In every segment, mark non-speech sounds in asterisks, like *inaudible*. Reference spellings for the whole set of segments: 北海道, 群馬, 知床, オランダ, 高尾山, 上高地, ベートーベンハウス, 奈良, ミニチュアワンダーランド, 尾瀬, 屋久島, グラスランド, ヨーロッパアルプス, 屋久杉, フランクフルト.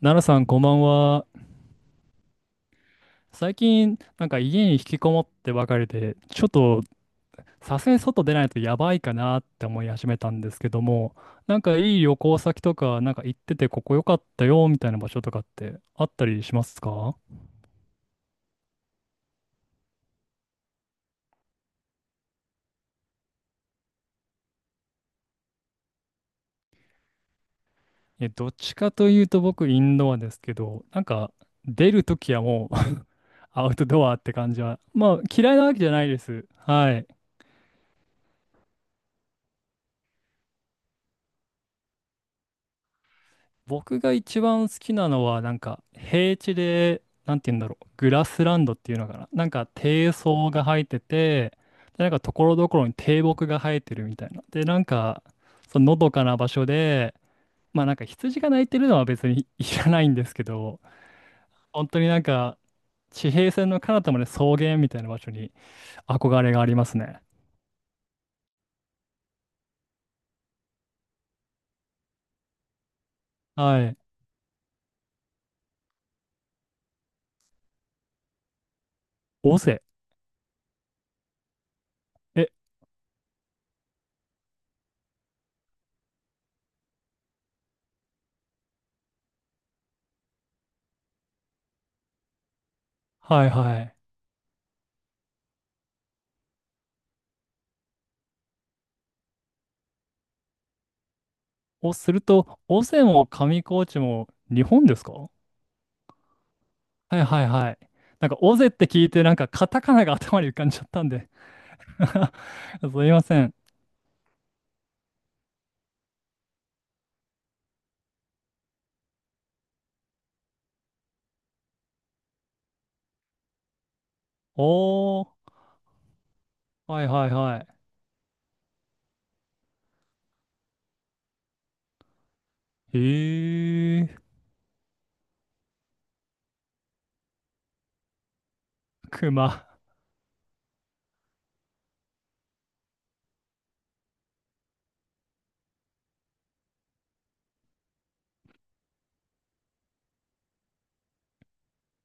奈良さん、こんばんは。最近、家に引きこもってばかりで、ちょっと、さすがに外出ないとやばいかなって思い始めたんですけども、いい旅行先とか、行ってて、ここ良かったよ、みたいな場所とかってあったりしますか？え、どっちかというと僕、インドアですけど、出るときはもう *laughs* アウトドアって感じは、まあ、嫌いなわけじゃないです。はい。僕が一番好きなのは、なんか平地で、なんて言うんだろう、グラスランドっていうのかな。なんか低層が生えてて、で、ところどころに低木が生えてるみたいな。で、そののどかな場所で、まあなんか羊が鳴いてるのは別にいらないんですけど、本当に地平線の彼方まで草原みたいな場所に憧れがありますね。はい。尾瀬。え、はいはい。をすると、尾瀬も上高地も日本ですか？はいはいはい。なんか、オゼって聞いて、なんか、カタカナが *laughs* 頭に浮かんじゃったんで *laughs* すいません。おー、はいはいはい。へえ、*laughs* 熊。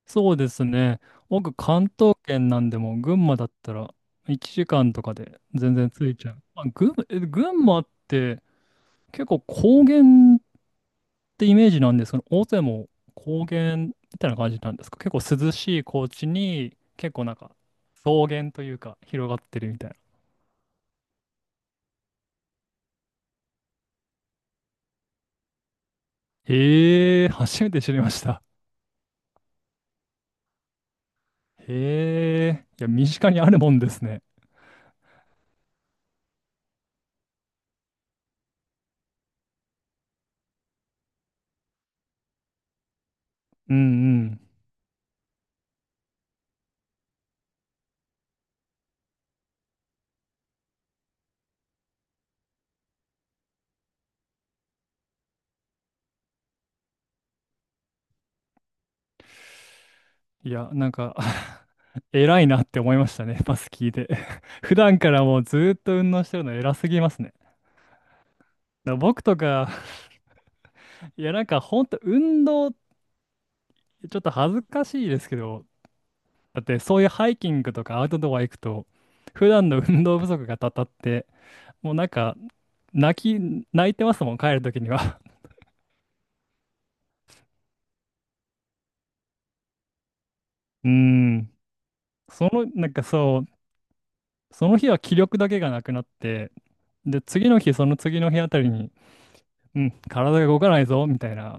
そうですね。僕、関東圏なんでも、群馬だったら、1時間とかで全然着いちゃう。まあ、群馬、群馬って、結構高原ってイメージなんですけど、大勢も高原みたいな感じなんですか？結構涼しい高地に、結構なんか、草原というか、広がってるみたいな。へえ、初めて知りました。へえ、いや、身近にあるもんですね。うんうん。いや、なんか *laughs* 偉いなって思いましたね、パス聞いて。*laughs* 普段からもうずーっと運動してるの偉すぎますね。だから僕とか、いや、なんかほんと運動、ちょっと恥ずかしいですけど、だってそういうハイキングとかアウトドア行くと、普段の運動不足がたたって、もうなんか、泣いてますもん、帰るときには。*laughs* うーん。その、その日は気力だけがなくなって、で、次の日、その次の日あたりに、うん、体が動かないぞ、みたいな。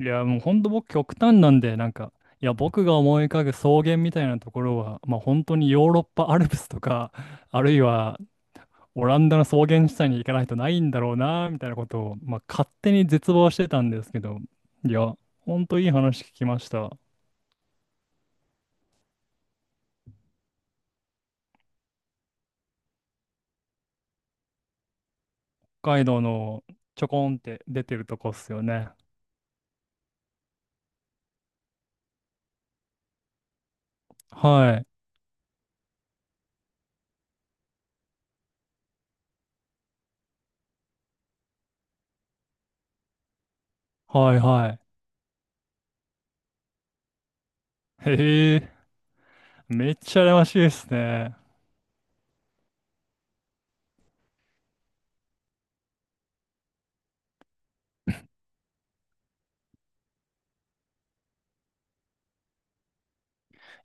いや、もうほんと僕極端なんで、いや、僕が思い浮かぶ草原みたいなところは、まあ本当にヨーロッパアルプスとか、あるいはオランダの草原地帯に行かないとないんだろうな、みたいなことを、まあ勝手に絶望してたんですけど、いや、ほんといい話聞きました。北海道のちょこんって出てるとこっすよね。はい。はいはい。へえ。めっちゃ羨ましいですね。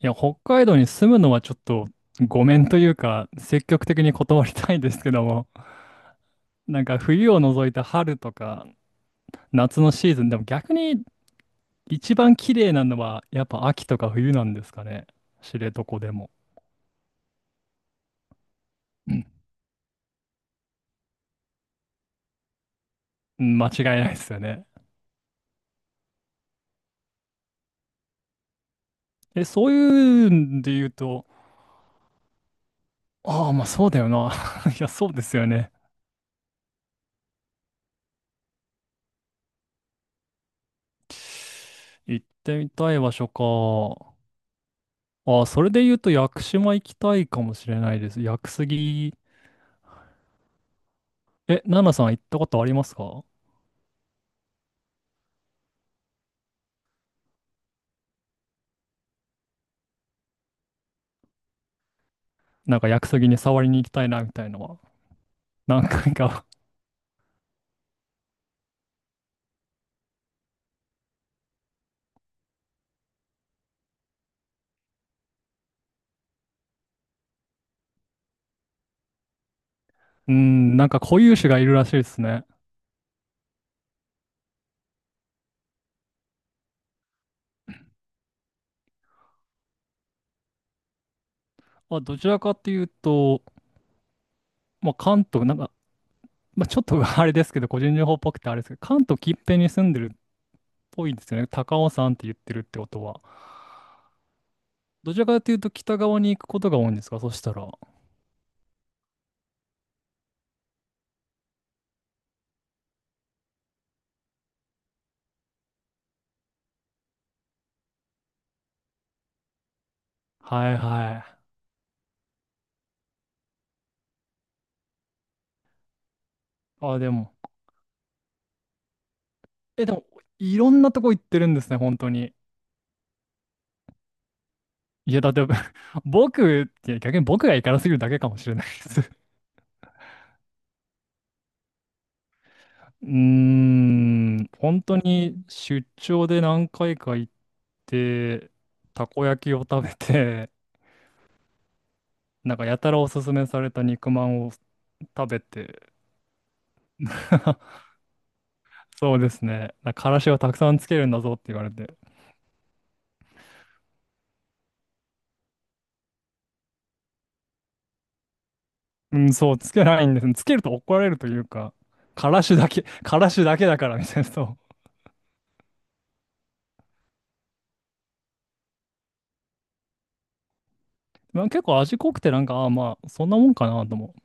いや、北海道に住むのはちょっとごめんというか、積極的に断りたいんですけども、なんか冬を除いた春とか夏のシーズン、でも逆に一番綺麗なのはやっぱ秋とか冬なんですかね。知床でも。うん、間違いないですよね。え、そういうんで言うと、ああ、まあそうだよな。*laughs* いや、そうですよね。行ってみたい場所か。ああ、それで言うと屋久島行きたいかもしれないです。屋久杉。え、ナナさん行ったことありますか？なんか屋久杉に触りに行きたいなみたいなのは。何回か *laughs* うーん、なんか固有種がいるらしいですね。まあ、どちらかっていうと、まあ、関東、なんか、まあ、ちょっと *laughs* あれですけど、個人情報っぽくてあれですけど、関東近辺に住んでるっぽいですよね。高尾山って言ってるってことは。どちらかというと北側に行くことが多いんですか、そしたら？はいはい。あ、でも、え、でも、いろんなとこ行ってるんですね、本当に。いや、だって *laughs* 僕って逆に僕が行からすぎるだけかもしれないです。うーん、本当に出張で何回か行って、たこ焼きを食べて、*laughs* なんかやたらおすすめされた肉まんを食べて、*laughs* そうですね、なんかからしをたくさんつけるんだぞって言われて、うん、そう、つけないんです。つけると怒られるというか、からしだけ、*laughs* からしだけだからみたいな、そう。まあ、結構味濃くて、なんか、ああ、まあ、そんなもんかなとも。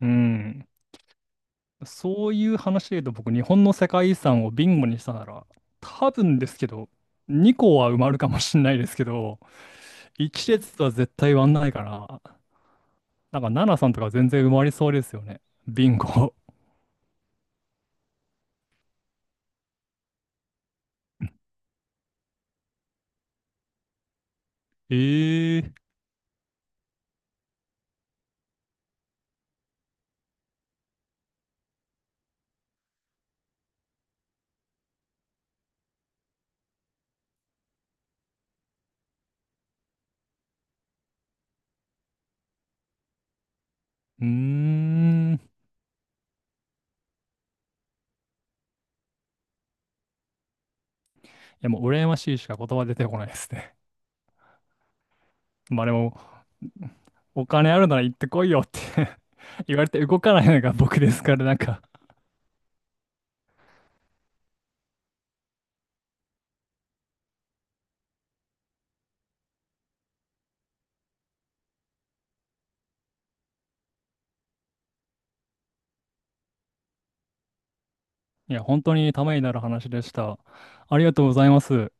うん。そういう話で言うと僕、日本の世界遺産をビンゴにしたなら、多分ですけど、2個は埋まるかもしれないですけど、1列は絶対埋まんないから、なんか7さんとか全然埋まりそうですよね。ビンゴ。*laughs* ええー。うーん。いやもう羨ましいしか言葉出てこないですね。まあでも、お金あるなら行ってこいよって *laughs* 言われて動かないのが僕ですから、いや、本当にためになる話でした。ありがとうございます。